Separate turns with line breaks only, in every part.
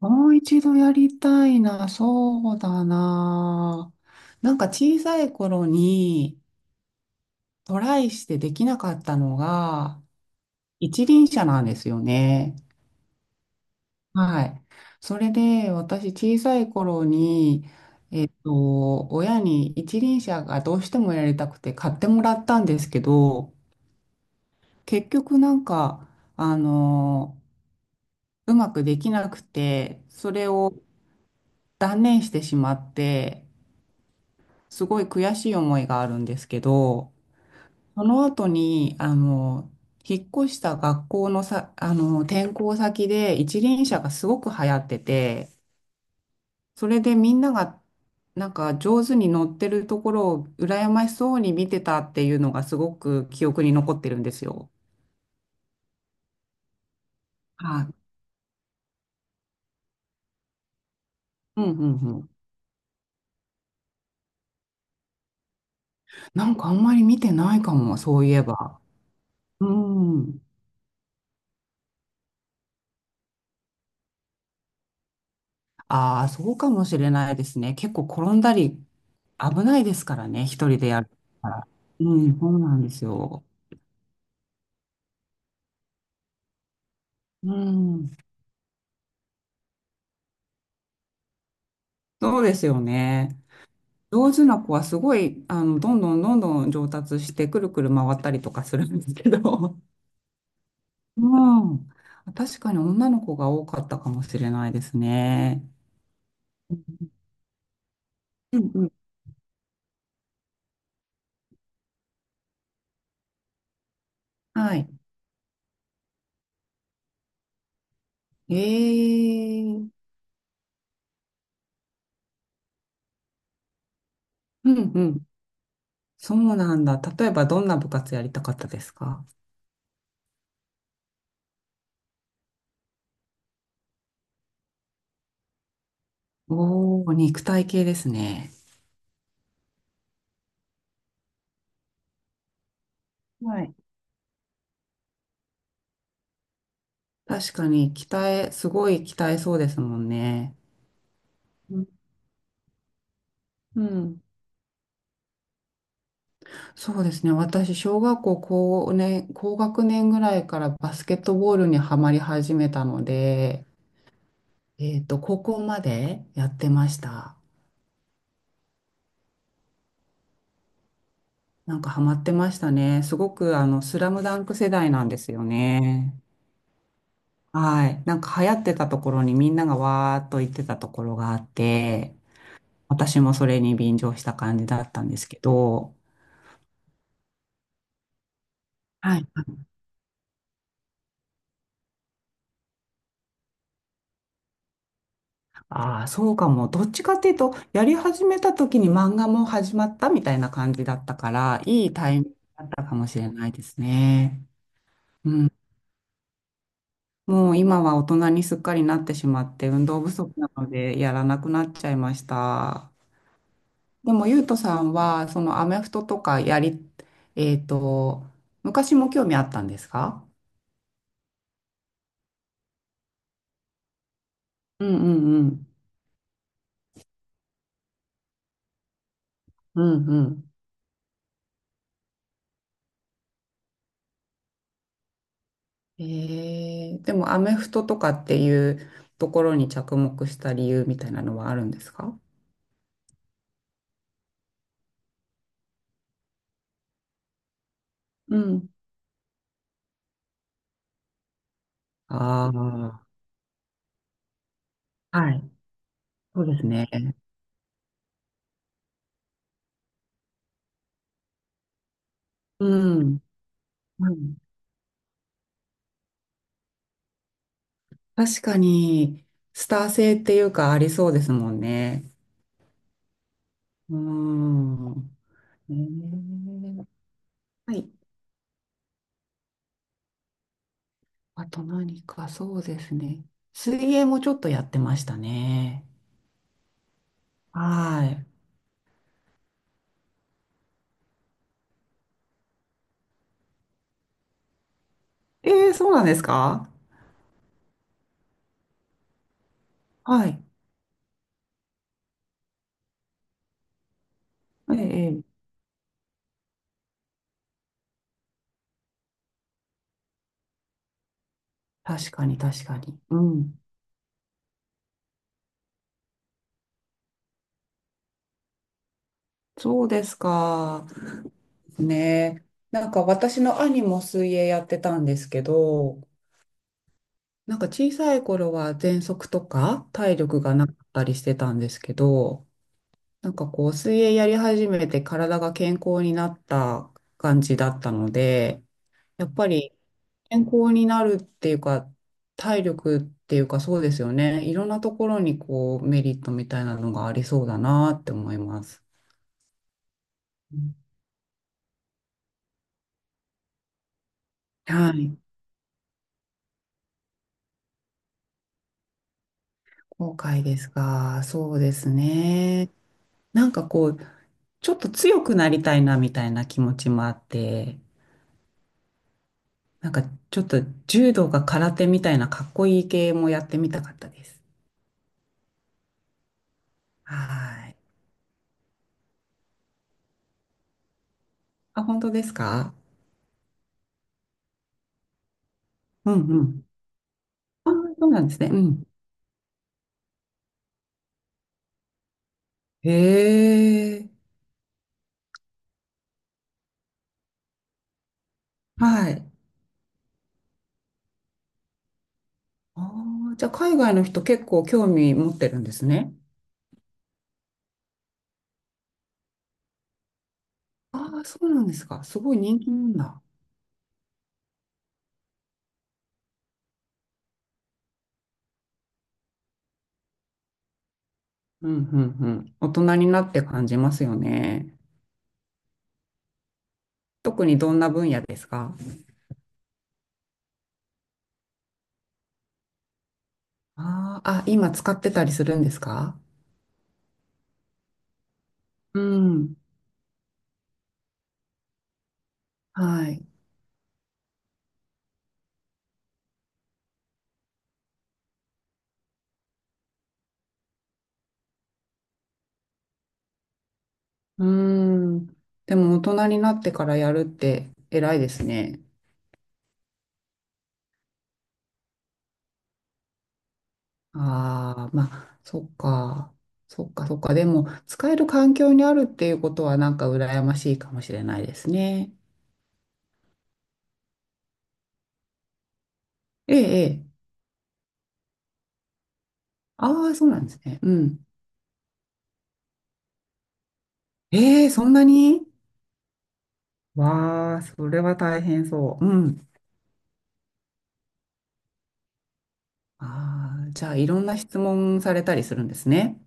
もう一度やりたいな、そうだな。なんか小さい頃にトライしてできなかったのが一輪車なんですよね。はい。それで私小さい頃にと親に一輪車がどうしてもやりたくて買ってもらったんですけど、結局なんか、あの、うまくできなくて、それを断念してしまって、すごい悔しい思いがあるんですけど、その後に、引っ越した学校のさ、転校先で一輪車がすごく流行ってて、それでみんながなんか上手に乗ってるところを羨ましそうに見てたっていうのがすごく記憶に残ってるんですよ。はい。うんうんうん。なんかあんまり見てないかも、そういえば。うん。ああ、そうかもしれないですね。結構転んだり危ないですからね、一人でやるから。うん、そうなんですよ。うん、そうですよね。上手な子はすごい、どんどんどんどん上達して、くるくる回ったりとかするんですけど。うん。確かに女の子が多かったかもしれないですね。うんうん。はい。ええうんうん。そうなんだ。例えばどんな部活やりたかったですか？おー、肉体系ですね。はい。確かに、すごい鍛えそうですもんね。うんうん。そうですね。私、小学校高年、高学年ぐらいからバスケットボールにはまり始めたので、高校までやってました。なんかハマってましたね。すごく、スラムダンク世代なんですよね。はい。なんか流行ってたところにみんながわーっと行ってたところがあって、私もそれに便乗した感じだったんですけど、はい。ああ、そうかも。どっちかっていうと、やり始めた時に漫画も始まったみたいな感じだったから、いいタイミングだったかもしれないですね。うん。もう今は大人にすっかりなってしまって、運動不足なのでやらなくなっちゃいました。でも、ゆうとさんは、そのアメフトとかやり、えっと、昔も興味あったんですか？うんうんうん。うんうん。ええでもアメフトとかっていうところに着目した理由みたいなのはあるんですか？うん。ああ、はい。そうですね。うん。うん。確かに、スター性っていうかありそうですもんね。うん。ねえ、はい。あと何か、そうですね。水泳もちょっとやってましたね。はい。ええ、そうなんですか？はい。ええ、ええ、確かに、確かに。うん。そうですか。ね。なんか私の兄も水泳やってたんですけど、なんか小さい頃は喘息とか体力がなかったりしてたんですけど、なんかこう水泳やり始めて体が健康になった感じだったので、やっぱり健康になるっていうか、体力っていうかそうですよね。いろんなところにこうメリットみたいなのがありそうだなって思います。はい。後悔ですか？そうですね。なんかこう、ちょっと強くなりたいなみたいな気持ちもあって、なんかちょっと柔道か空手みたいなかっこいい系もやってみたかったです。はい。あ、本当ですか？うんうん。あ、そうなんですね。うん。へえ。はい。ああ、じゃあ海外の人結構興味持ってるんですね。ああ、そうなんですか。すごい人気なんだ。うんうんうん。大人になって感じますよね。特にどんな分野ですか？あーあ、今使ってたりするんですか？うん。はい。うーん。でも大人になってからやるって偉いですね。ああ、まあ、そっか。そっか、そっか。でも、使える環境にあるっていうことはなんか羨ましいかもしれないですね。ええ、ええ。ああ、そうなんですね。うん。ええ、そんなに？わあ、それは大変そう。うん。ああ、じゃあいろんな質問されたりするんですね。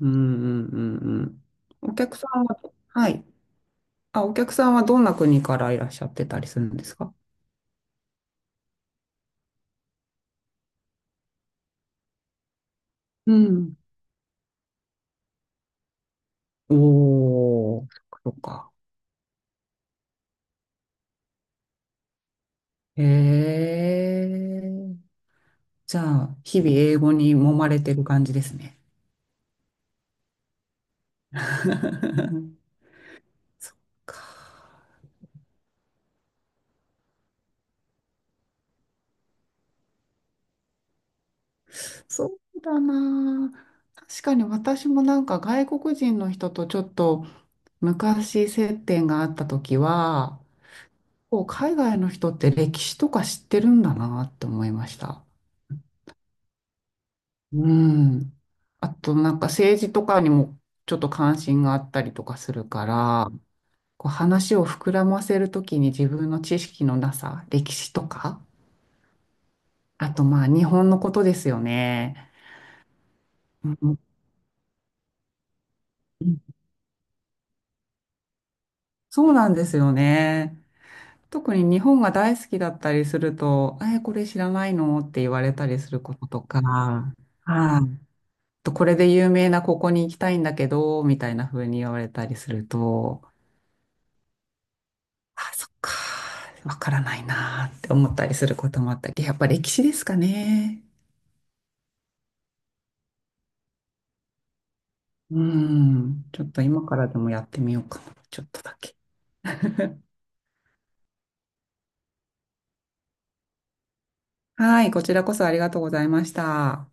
うんうんうんうん。お客さんは、はい。あ、お客さんはどんな国からいらっしゃってたりするんですか？うん。おー、そっかそっか。へえ。じゃあ、日々英語に揉まれてる感じですね。そっか。そうだなあ。確かに私もなんか外国人の人とちょっと昔接点があった時は、こう海外の人って歴史とか知ってるんだなって思いました。うん。あとなんか政治とかにもちょっと関心があったりとかするから、こう話を膨らませるときに自分の知識のなさ、歴史とか、あとまあ日本のことですよね。うん。そうなんですよね。特に日本が大好きだったりすると、え、これ知らないのって言われたりすることとか、はい、とこれで有名なここに行きたいんだけど、みたいな風に言われたりすると、あ、そっか、わからないなーって思ったりすることもあったり、やっぱ歴史ですかね。うん、ちょっと今からでもやってみようかな、ちょっとだけ。はい、こちらこそありがとうございました。